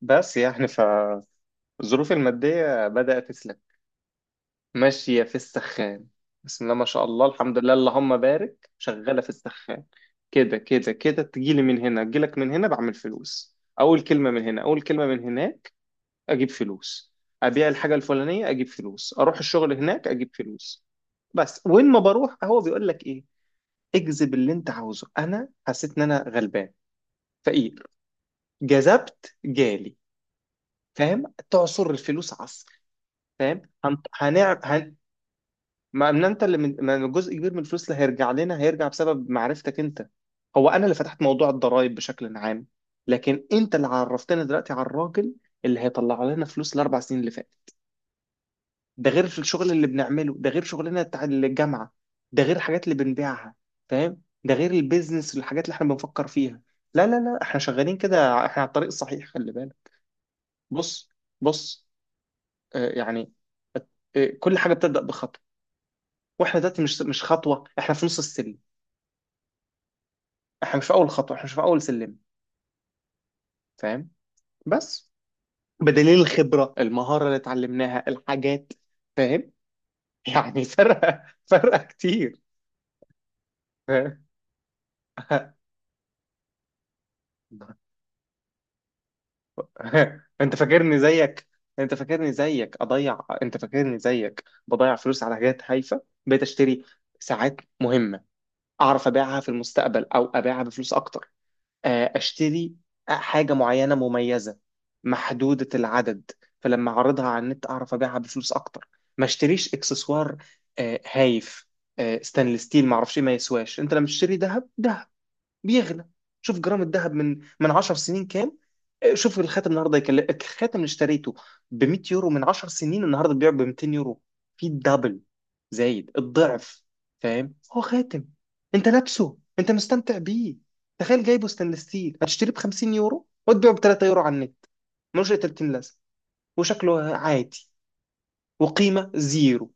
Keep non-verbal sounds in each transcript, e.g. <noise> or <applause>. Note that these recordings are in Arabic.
بس يعني فالظروف المادية بدأت تسلك. ماشية في السخان. بسم الله ما شاء الله، الحمد لله، اللهم بارك، شغالة في السخان. كده كده كده، تجيلي من هنا، تجيلك من هنا، بعمل فلوس، أول كلمة من هنا، أول كلمة من هناك. أجيب فلوس، أبيع الحاجة الفلانية، أجيب فلوس، أروح الشغل هناك، أجيب فلوس. بس وين ما بروح هو بيقول لك إيه؟ اجذب اللي أنت عاوزه. أنا حسيت إن أنا غلبان، فقير، جذبت جالي. فاهم؟ تعصر الفلوس عصر. فاهم؟ هنعمل. ما إن انت اللي من... ما جزء كبير من الفلوس اللي هيرجع لنا هيرجع بسبب معرفتك انت. هو انا اللي فتحت موضوع الضرائب بشكل عام، لكن انت اللي عرفتنا دلوقتي على الراجل اللي هيطلع لنا فلوس الاربع سنين اللي فاتت. ده غير في الشغل اللي بنعمله، ده غير شغلنا بتاع الجامعه، ده غير الحاجات اللي بنبيعها. فاهم؟ ده غير البيزنس والحاجات اللي احنا بنفكر فيها. لا لا لا، احنا شغالين كده، احنا على الطريق الصحيح، خلي بالك. بص. بص. يعني كل حاجه بتبدا بخطوه. واحنا دلوقتي مش خطوه، احنا في نص السلم. احنا مش في اول خطوه، احنا مش في اول سلم. فاهم؟ بس بدليل الخبره، المهاره اللي اتعلمناها، الحاجات. فاهم؟ يعني <laughs> فرقه فرقه كتير. فاهم؟ <laughs> انت فاكرني زيك، انت فاكرني زيك اضيع، انت فاكرني زيك بضيع فلوس على حاجات هايفه. بقيت اشتري ساعات مهمه، اعرف ابيعها في المستقبل او ابيعها بفلوس اكتر. اشتري حاجه معينه مميزه، محدوده العدد، فلما اعرضها على النت اعرف ابيعها بفلوس اكتر. ما اشتريش اكسسوار هايف. ستانلس ستيل ما اعرفش إيه، ما يسواش. انت لما تشتري ذهب ده بيغلى. شوف جرام الذهب من 10 سنين كام؟ شوف الخاتم النهارده يكلف. الخاتم اللي اشتريته ب 100 يورو من 10 سنين، النهارده بيبيع ب 200 يورو، في الدبل، زايد الضعف. فاهم؟ هو خاتم انت لابسه انت مستمتع بيه. تخيل جايبه ستانلس ستيل هتشتريه ب 50 يورو وتبيعه ب 3 يورو على النت، ملوش اي 30 لازمه، وشكله عادي، وقيمه زيرو.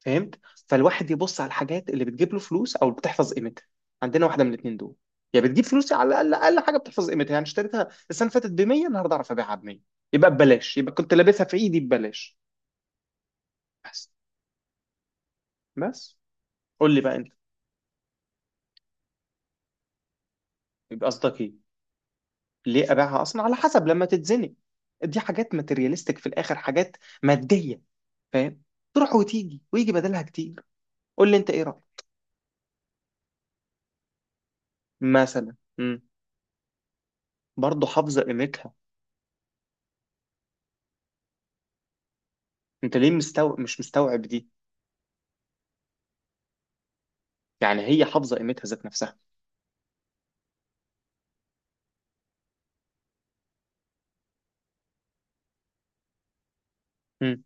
فهمت؟ فالواحد يبص على الحاجات اللي بتجيب له فلوس او بتحفظ قيمتها. عندنا واحده من الاثنين دول، يا بتجيب فلوس، على الاقل اقل حاجه بتحفظ قيمتها. يعني اشتريتها السنه اللي فاتت ب 100، النهارده اعرف ابيعها ب 100، يبقى ببلاش، يبقى كنت لابسها في ايدي ببلاش. بس. بس. قول لي بقى انت. يبقى قصدك ايه؟ ليه ابيعها اصلا؟ على حسب لما تتزنق. دي حاجات ماتيرياليستيك في الاخر، حاجات ماديه. فاهم؟ تروح وتيجي ويجي بدلها كتير. قول لي انت ايه رايك. مثلا برضه حافظه قيمتها. انت ليه مستوعب مش مستوعب دي؟ يعني هي حافظه قيمتها ذات نفسها. مم.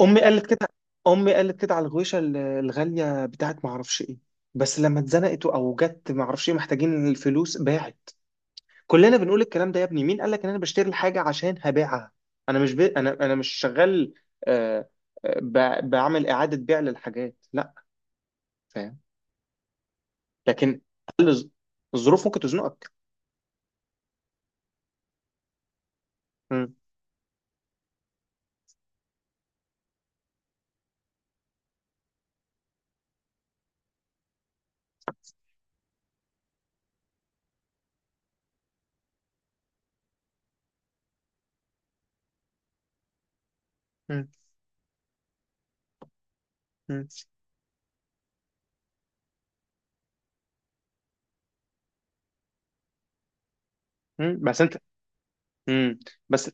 امي قالت كده، امي قالت كده على الغويشه الغاليه بتاعت ما اعرفش ايه، بس لما اتزنقت او جت ما اعرفش ايه محتاجين الفلوس باعت. كلنا بنقول الكلام ده. يا ابني مين قال لك ان انا بشتري الحاجه عشان هبيعها؟ انا مش شغال. آه... بعمل اعاده بيع للحاجات؟ لا. فاهم؟ لكن ال- الظروف ممكن تزنقك. مم. مم. مم. مم. بس انت. مم. بس.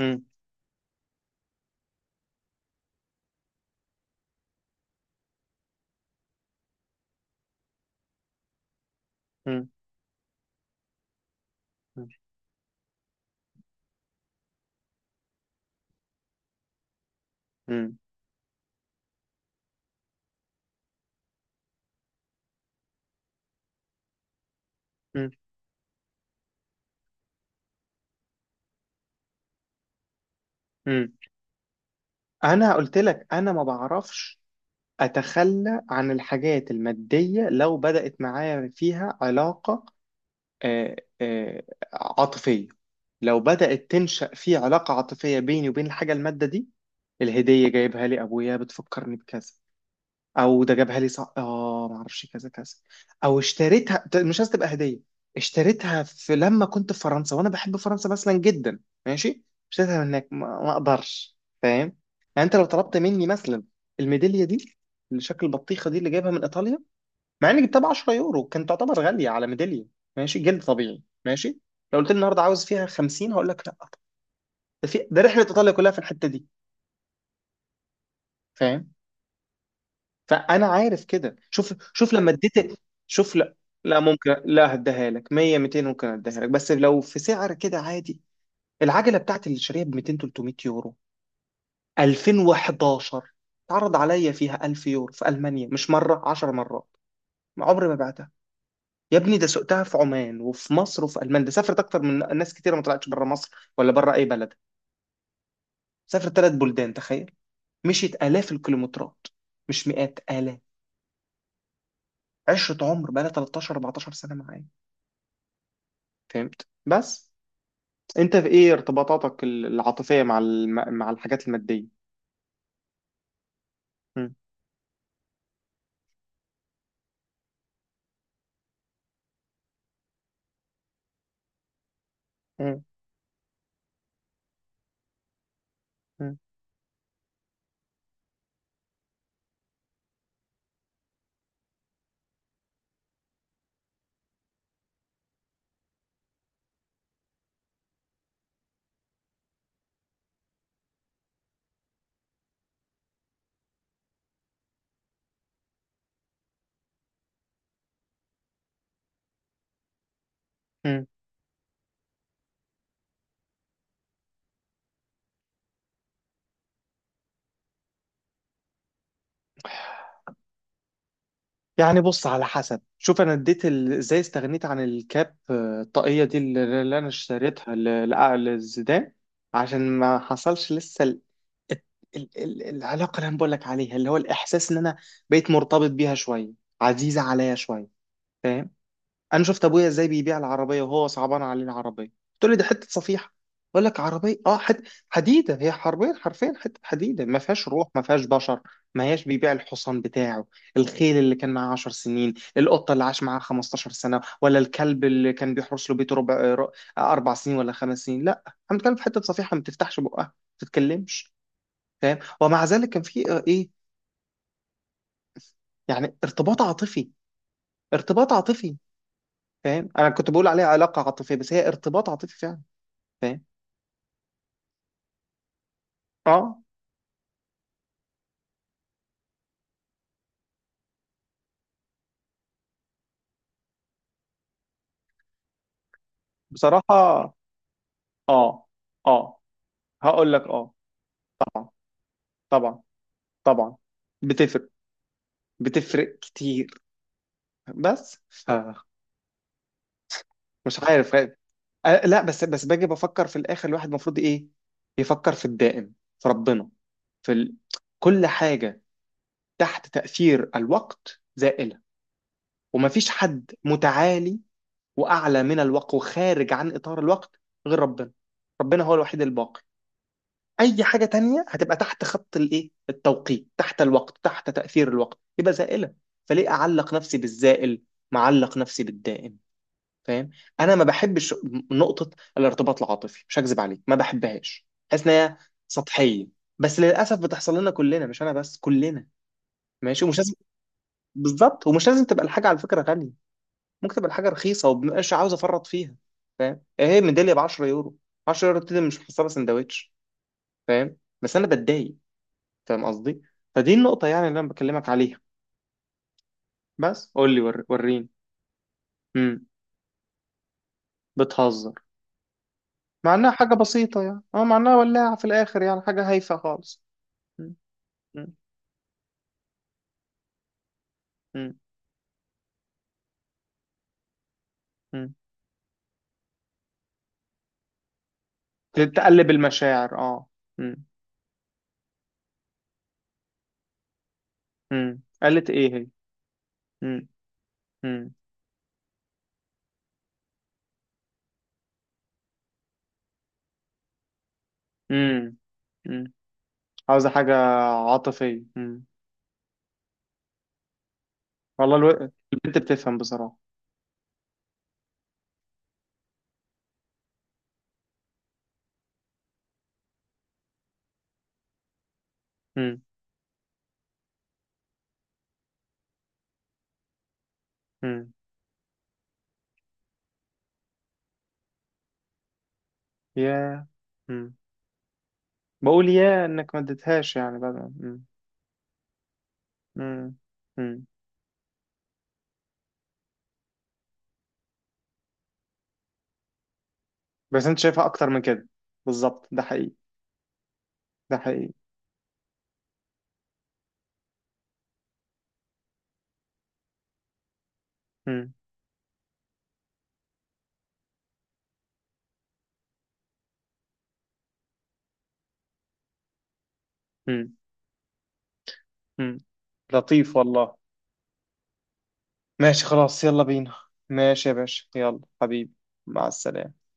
مم. مم. مم. مم. مم. انا قلت لك انا ما بعرفش اتخلى عن الحاجات الماديه لو بدات معايا فيها علاقه آه، آه، عاطفيه. لو بدات تنشا في علاقه عاطفيه بيني وبين الحاجه الماده دي. الهديه جايبها لي ابويا بتفكرني بكذا، او ده جابها لي صح اه ما اعرفش كذا كذا، او اشتريتها ده مش عايز تبقى هديه. اشتريتها في لما كنت في فرنسا وانا بحب فرنسا مثلا جدا. ماشي. اشتريتها من هناك ما اقدرش. فاهم؟ يعني انت لو طلبت مني مثلا الميداليه دي اللي شكل البطيخه دي اللي جايبها من ايطاليا، مع اني جبتها ب 10 يورو كانت تعتبر غاليه على ميداليه، ماشي، جلد طبيعي ماشي. لو قلت لي النهارده عاوز فيها 50 هقول لك لا. ده في ده رحله ايطاليا كلها في الحته دي. فاهم؟ فانا عارف كده. شوف، شوف لما اديت، شوف. لا. لا ممكن، لا هديها لك 100 200 ممكن اديها لك بس لو في سعر كده عادي. العجله بتاعتي اللي شاريها ب 200 300 يورو 2011، اتعرض عليا فيها 1000 يورو في المانيا، مش مره 10 مرات، ما عمري ما بعتها. يا ابني ده سقتها في عمان وفي مصر وفي المانيا. ده سافرت اكتر من ناس كتيره ما طلعتش بره مصر ولا بره اي بلد. سافرت ثلاث بلدان، تخيل. مشيت الاف الكيلومترات، مش مئات الاف. عشرة، عمر بقى لها 13 14 سنه معايا. فهمت؟ بس انت في ايه ارتباطاتك العاطفية مع مع الحاجات المادية؟ م. م. م. م. يعني بص على حسب. شوف انا اديت ازاي استغنيت عن الكاب الطاقية دي اللي انا اشتريتها للزيدان، عشان ما حصلش لسه ال... الت- ال... ال... العلاقة اللي انا بقول لك عليها اللي هو الاحساس ان انا بقيت مرتبط بيها شوية، عزيزة عليا شوية. فاهم؟ انا شفت ابويا ازاي بيبيع العربيه وهو صعبان عليه العربيه. قلت له دي حته صفيحه، بقول لك عربيه اه حته حديده. هي حرفيا حرفيا حته حديده، ما فيهاش روح ما فيهاش بشر. ما هياش بيبيع الحصان بتاعه، الخيل اللي كان معاه 10 سنين، القطه اللي عاش معاه 15 سنه، ولا الكلب اللي كان بيحرس له بيته اربع سنين ولا خمس سنين. لا احنا بنتكلم في حته صفيحه ما بتفتحش بقها ما بتتكلمش. فاهم؟ ومع ذلك كان في ايه، يعني ارتباط عاطفي. ارتباط عاطفي. فاهم؟ انا كنت بقول عليها علاقه عاطفيه بس هي ارتباط عاطفي فعلا. فاهم؟ اه. بصراحه اه. اه، هقول لك اه. طبعا. طبعا. طبعا. بتفرق، بتفرق كتير. بس ف، مش عارف. فاهم؟ آه لا، بس بس باجي بفكر في الاخر، الواحد المفروض ايه، يفكر في الدائم، في ربنا، في كل حاجه تحت تاثير الوقت زائله. ومفيش حد متعالي واعلى من الوقت وخارج عن اطار الوقت غير ربنا. ربنا هو الوحيد الباقي. اي حاجه تانية هتبقى تحت خط الايه التوقيت، تحت الوقت، تحت تاثير الوقت، يبقى زائله. فليه اعلق نفسي بالزائل، معلق نفسي بالدائم. فاهم؟ انا ما بحبش، نقطه. الارتباط العاطفي مش هكذب عليك ما بحبهاش، حاسس ان هي سطحيه. بس للاسف بتحصل لنا كلنا، مش انا بس، كلنا. ماشي ومش لازم. بالظبط، ومش لازم تبقى الحاجه على فكره غاليه. ممكن تبقى الحاجه رخيصه ومبقاش عاوز افرط فيها. فاهم؟ هي ميداليه ب 10 يورو، 10 يورو دي مش محسبه سندوتش. فاهم بس انا بتضايق فاهم قصدي؟ فدي النقطه يعني اللي انا بكلمك عليها. بس قول لي وريني. امم. بتهزر. مع انها حاجه بسيطه يعني اه، مع انها ولاعه في الاخر يعني حاجه هايفه خالص. مم. مم. مم. مم. تقلب المشاعر اه. مم. مم. قالت ايه هي؟ مم. مم. مم. مم. عاوزه حاجه عاطفيه. والله البنت بتفهم بصراحة. امم. امم. يا، امم بقول يا انك ما اديتهاش يعني بعد ما-، امم. امم. امم. بس انت شايفها اكتر من كده. بالظبط ده حقيقي. ده حقيقي. امم. امم. امم. لطيف والله. ماشي خلاص يلا بينا. ماشي يا باشا يلا حبيبي. مع السلامة.